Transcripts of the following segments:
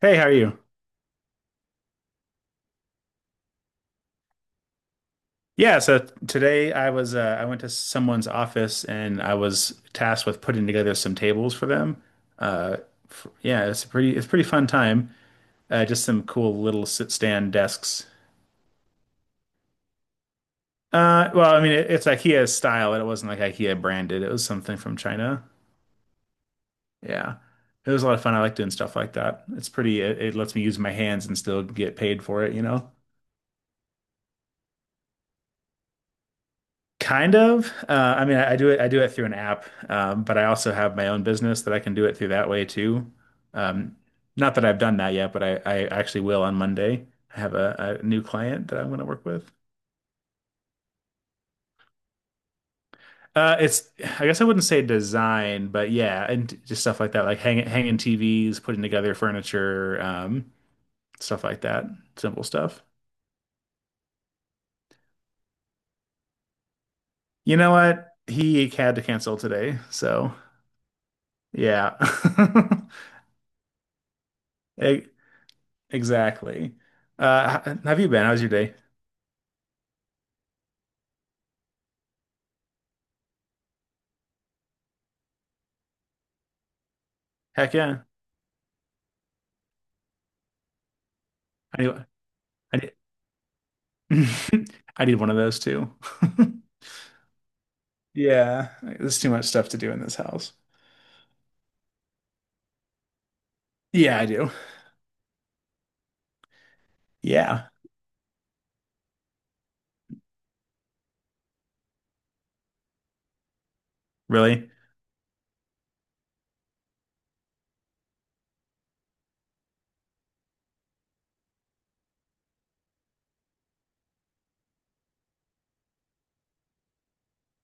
Hey, how are you? Yeah, so today I was I went to someone's office and I was tasked with putting together some tables for them. Uh, f Yeah, it's a pretty fun time. Just some cool little sit stand desks. Well, I mean it's IKEA style, but it wasn't like IKEA branded. It was something from China. Yeah, it was a lot of fun. I like doing stuff like that. It lets me use my hands and still get paid for it, you know? Kind of. I mean, I do it. I do it through an app, but I also have my own business that I can do it through that way too. Um, not that I've done that yet, but I actually will on Monday. I have a new client that I'm going to work with. It's. I guess I wouldn't say design, but yeah, and just stuff like that, like hanging TVs, putting together furniture, stuff like that. Simple stuff. You know what? He had to cancel today, so yeah. It, Exactly. Have you been? How's your day? Heck yeah. I need, I need, I need one of those too. Yeah, there's too much stuff to do in this house. Yeah, I do. Yeah, really?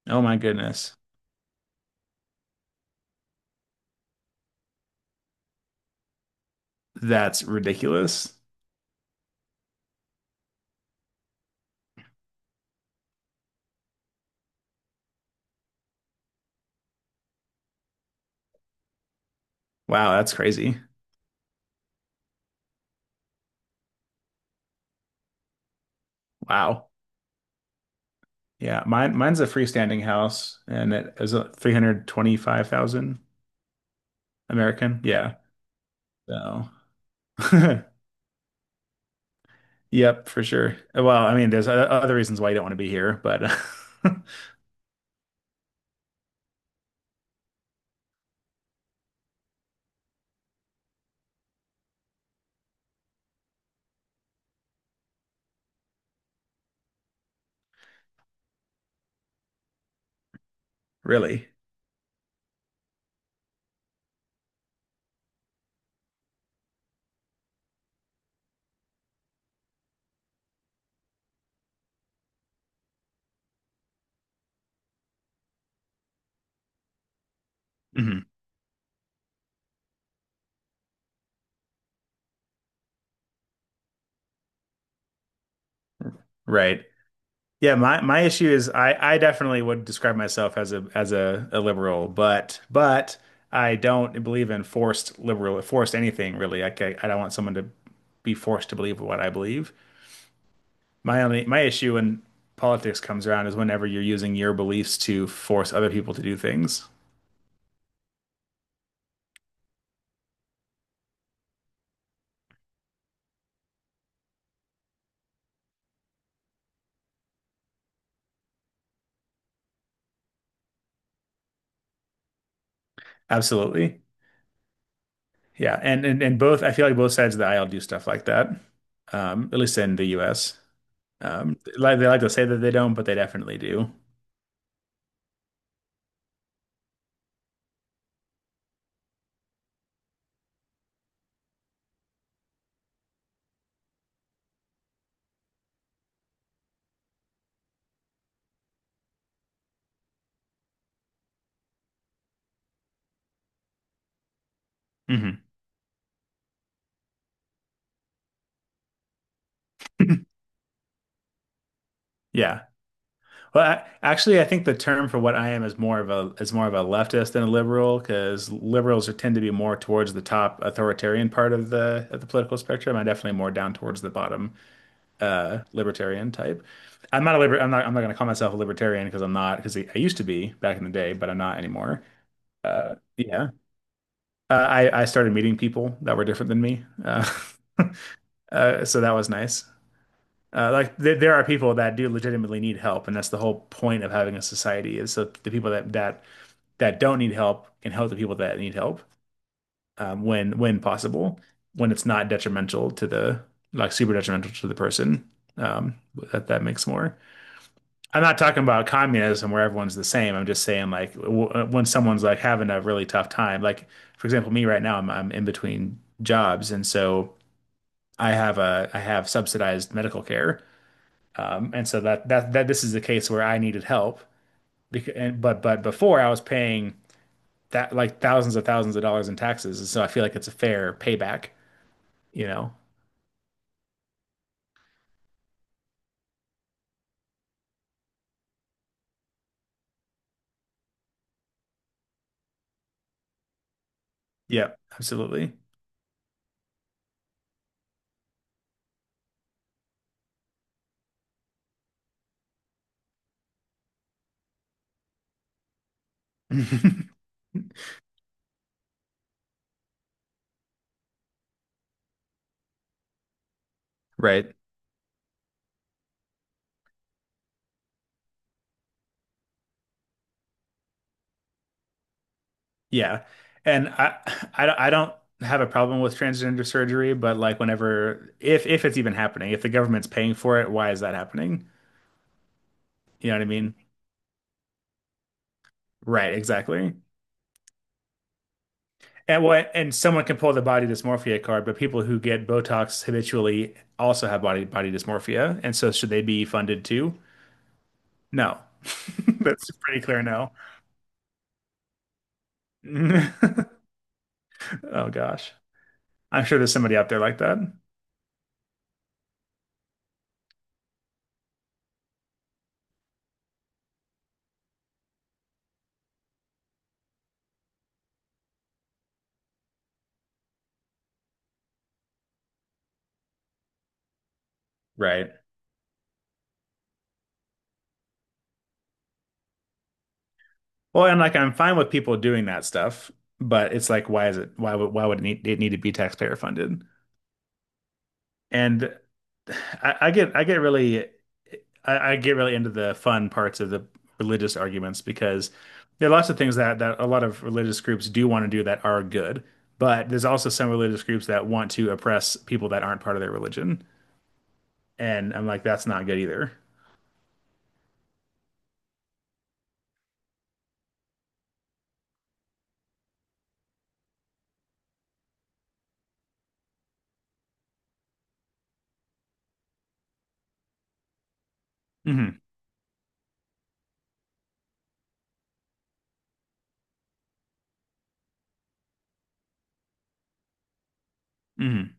Oh my goodness. That's ridiculous. Wow, that's crazy. Wow. Yeah, mine's a freestanding house and it is a 325,000 American. Yeah. So, yep, for sure. Well, I mean, there's other reasons why you don't want to be here, but really. Mhm. Right. Yeah, my issue is I definitely would describe myself as a liberal, but I don't believe in forced anything really. Like I don't want someone to be forced to believe what I believe. My issue when politics comes around is whenever you're using your beliefs to force other people to do things. Absolutely. Yeah, and both I feel like both sides of the aisle do stuff like that. At least in the US. Like they like to say that they don't, but they definitely do. Mhm. Yeah. Well, actually, I think the term for what I am is more of a is more of a leftist than a liberal because liberals are, tend to be more towards the top authoritarian part of the political spectrum. I'm definitely more down towards the bottom libertarian type. I'm not going to call myself a libertarian because I'm not because I used to be back in the day, but I'm not anymore. Uh, yeah. I started meeting people that were different than me, so that was nice. Like there are people that do legitimately need help, and that's the whole point of having a society is so the people that don't need help can help the people that need help when possible, when it's not detrimental to the like super detrimental to the person. Um, that that makes more. I'm not talking about communism where everyone's the same. I'm just saying like w when someone's like having a really tough time, like for example, me right now, I'm in between jobs, and so I have subsidized medical care. And so that that that this is the case where I needed help because and, but before I was paying that like thousands of dollars in taxes, and so I feel like it's a fair payback, you know? Yeah, absolutely. Right. Yeah. And I don't have a problem with transgender surgery, but like whenever if it's even happening, if the government's paying for it, why is that happening? You know what I mean? Right, exactly. And what and someone can pull the body dysmorphia card, but people who get Botox habitually also have body dysmorphia. And so should they be funded too? No. That's pretty clear no. Oh gosh. I'm sure there's somebody out there like that. Right. Well, and like I'm fine with people doing that stuff, but it's like why would it need to be taxpayer funded? And I, I get I get really I get really into the fun parts of the religious arguments because there are lots of things that that a lot of religious groups do want to do that are good, but there's also some religious groups that want to oppress people that aren't part of their religion. And I'm like, that's not good either. Hmm. Hmm.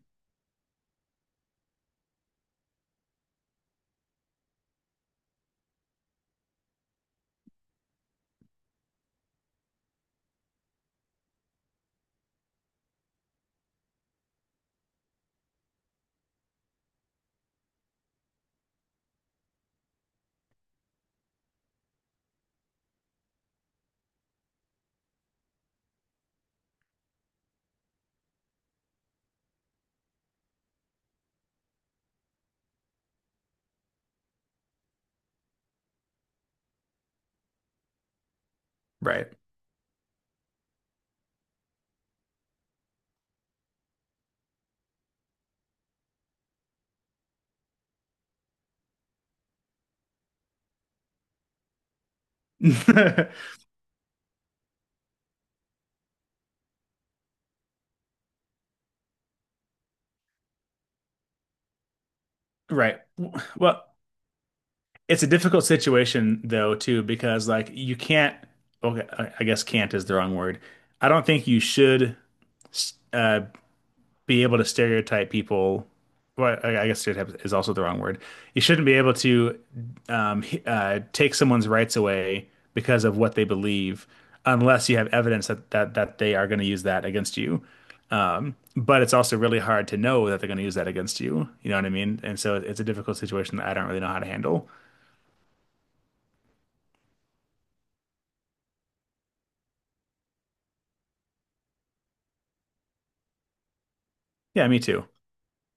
Right. Right. Well, it's a difficult situation though too because like you can't okay, I guess can't is the wrong word. I don't think you should uh be able to stereotype people. Well, I guess stereotype is also the wrong word. You shouldn't be able to take someone's rights away because of what they believe, unless you have evidence that they are going to use that against you. But it's also really hard to know that they're going to use that against you. You know what I mean? And so it's a difficult situation that I don't really know how to handle. Yeah, me too.